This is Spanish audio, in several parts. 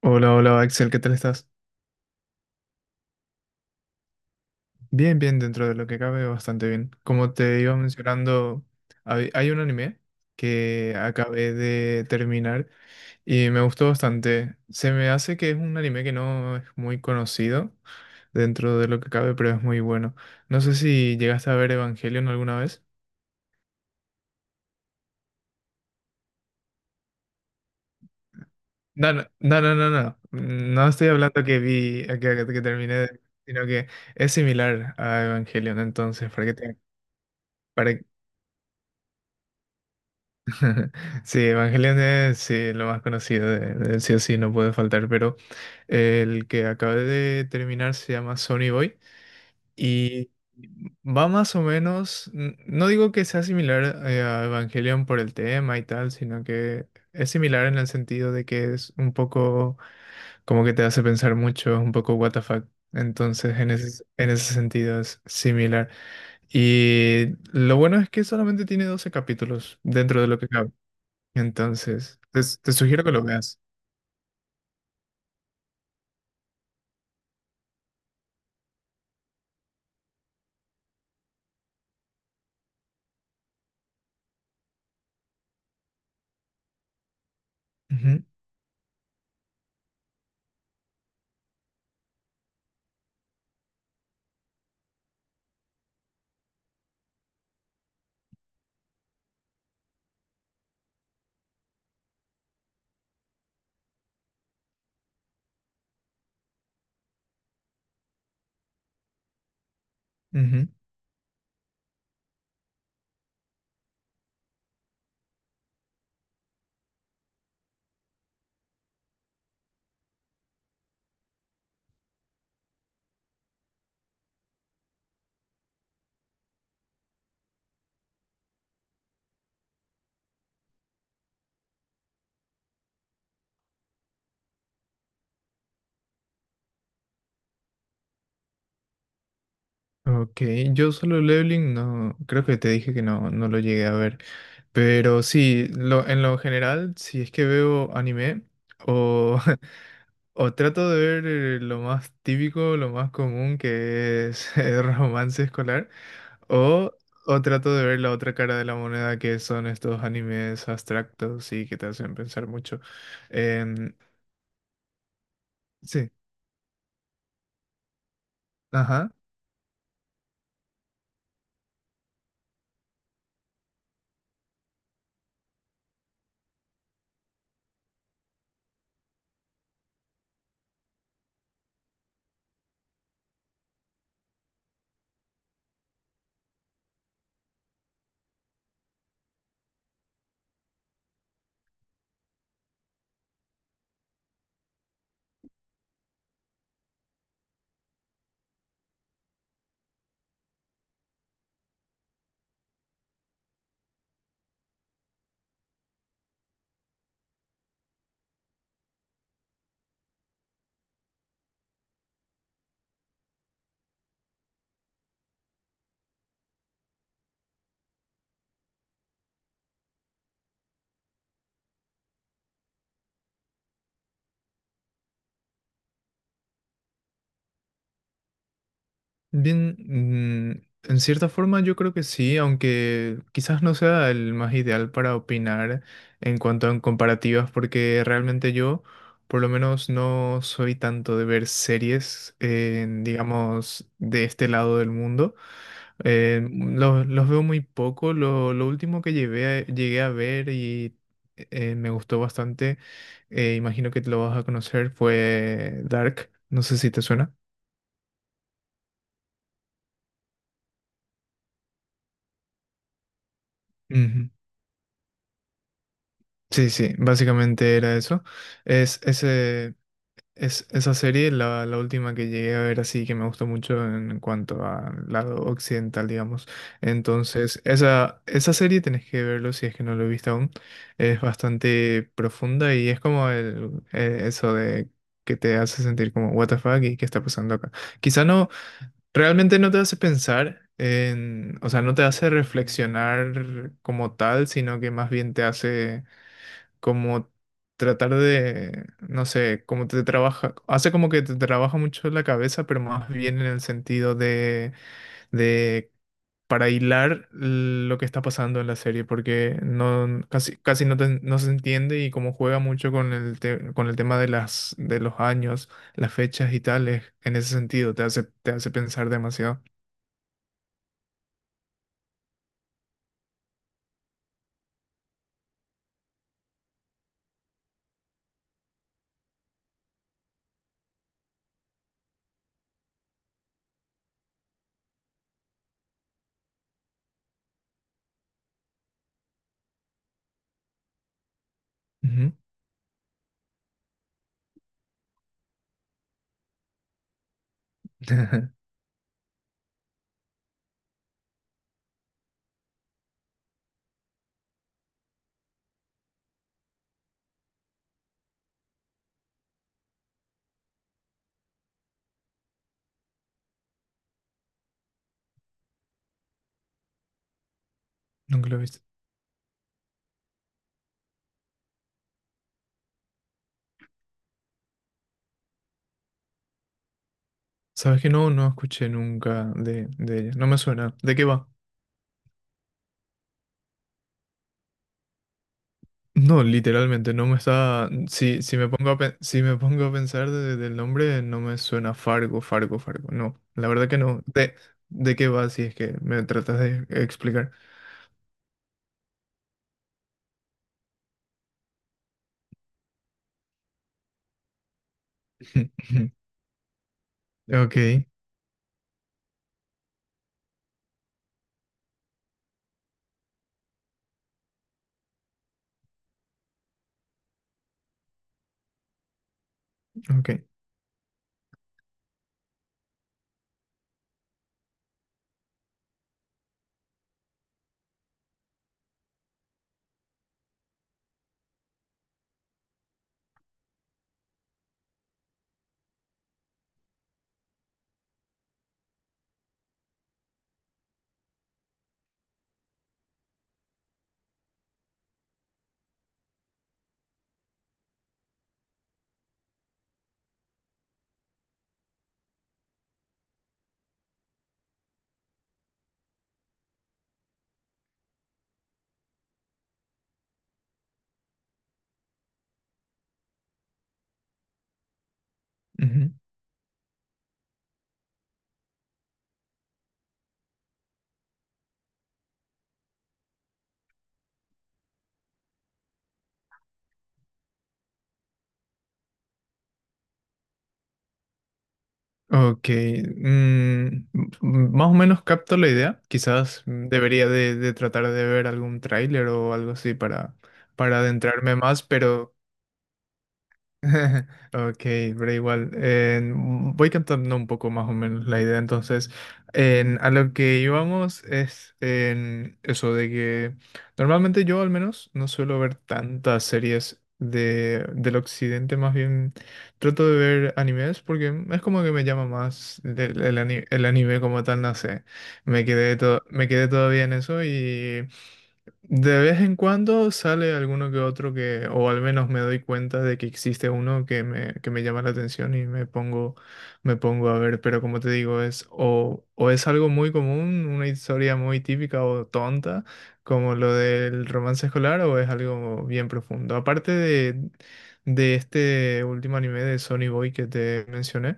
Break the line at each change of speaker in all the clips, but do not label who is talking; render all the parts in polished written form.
Hola, hola Axel, ¿qué tal estás? Bien, bien, dentro de lo que cabe, bastante bien. Como te iba mencionando, hay un anime que acabé de terminar y me gustó bastante. Se me hace que es un anime que no es muy conocido dentro de lo que cabe, pero es muy bueno. No sé si llegaste a ver Evangelion alguna vez. No, no, no, no, no, no. No estoy hablando que vi, que terminé, sino que es similar a Evangelion, entonces, para que te... para, Sí, Evangelion es sí, lo más conocido de sí o sí, no puede faltar, pero el que acabé de terminar se llama Sony Boy y va más o menos, no digo que sea similar a Evangelion por el tema y tal, sino que es similar en el sentido de que es un poco como que te hace pensar mucho, es un poco what the fuck. Entonces, en ese sentido es similar. Y lo bueno es que solamente tiene 12 capítulos dentro de lo que cabe. Entonces, te sugiero que lo veas. Ujú, ujú. Ok, yo solo Leveling no, creo que te dije que no, no lo llegué a ver, pero sí, en lo general, si es que veo anime o, o trato de ver lo más típico, lo más común que es el romance escolar, o, o trato de ver la otra cara de la moneda que son estos animes abstractos y que te hacen pensar mucho. Em, sí, ajá. Bien, mm, en cierta forma yo creo que sí, aunque quizás no sea el más ideal para opinar en cuanto a en comparativas, porque realmente yo, por lo menos, no soy tanto de ver series, en, digamos, de este lado del mundo. Los veo muy poco. Lo último que llegué a ver y me gustó bastante, imagino que te lo vas a conocer, fue Dark. No sé si te suena. Ujú. Sí, sí, básicamente era eso. Es, ese, es esa serie, la última que llegué a ver así, que me gustó mucho en cuanto al lado occidental, digamos. Entonces, esa serie tenés que verlo si es que no lo he visto aún. Es bastante profunda y es como eso de que te hace sentir como, what the fuck, y qué está pasando acá. Quizá no, realmente no te hace pensar. En, o sea, no te hace reflexionar como tal, sino que más bien te hace como tratar de, no sé, como te trabaja, hace como que te trabaja mucho la cabeza, pero más bien en el sentido de para hilar lo que está pasando en la serie, porque no, casi no, no se entiende y como juega mucho con con el tema de de los años, las fechas y tales, en ese sentido te hace pensar demasiado. Ujú. Nunca lo he visto. Sabes que no, no escuché nunca de ella. No me suena. ¿De qué va? No, literalmente, no me está. Si me pongo a, si me pongo a pensar del nombre, no me suena Fargo, Fargo, Fargo. No, la verdad que no. De qué va si es que me tratas de explicar? Ok, ok. Ujú. Ok. M- más o menos capto la idea. Quizás debería de tratar de ver algún tráiler o algo así para adentrarme más, pero. Ok, pero igual, voy cantando un poco más o menos la idea. Entonces, a lo que íbamos es en eso de que normalmente yo al menos no suelo ver tantas series de, del occidente, más bien trato de ver animes porque es como que me llama más el anime como tal, no sé. Me quedé todavía en eso y de vez en cuando sale alguno que otro que, o al menos me doy cuenta de que existe uno que me llama la atención y me pongo a ver, pero como te digo, es o es algo muy común, una historia muy típica o tonta, como lo del romance escolar, o es algo bien profundo. Aparte de este último anime de Sonny Boy que te mencioné,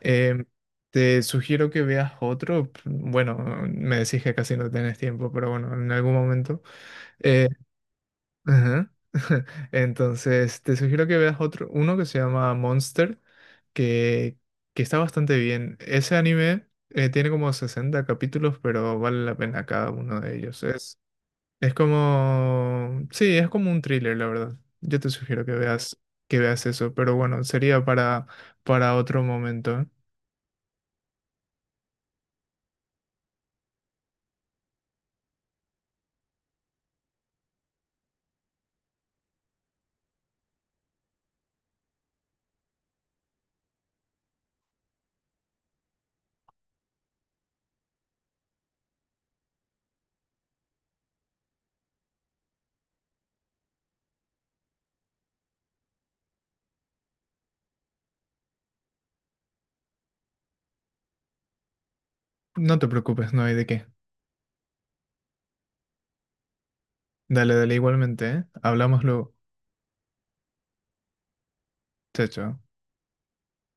em, te sugiero que veas otro. Bueno, me decís que casi no tenés tiempo, pero bueno, en algún momento. Eh, ajá. Entonces, te sugiero que veas otro, uno que se llama Monster, que, que está bastante bien. Ese anime tiene como 60 capítulos, pero vale la pena cada uno de ellos. Es como, sí, es como un thriller, la verdad. Yo te sugiero que veas eso, pero bueno, sería para otro momento. No te preocupes, no hay de qué. Dale, dale, igualmente, ¿eh? Hablamos luego. Chao, chao.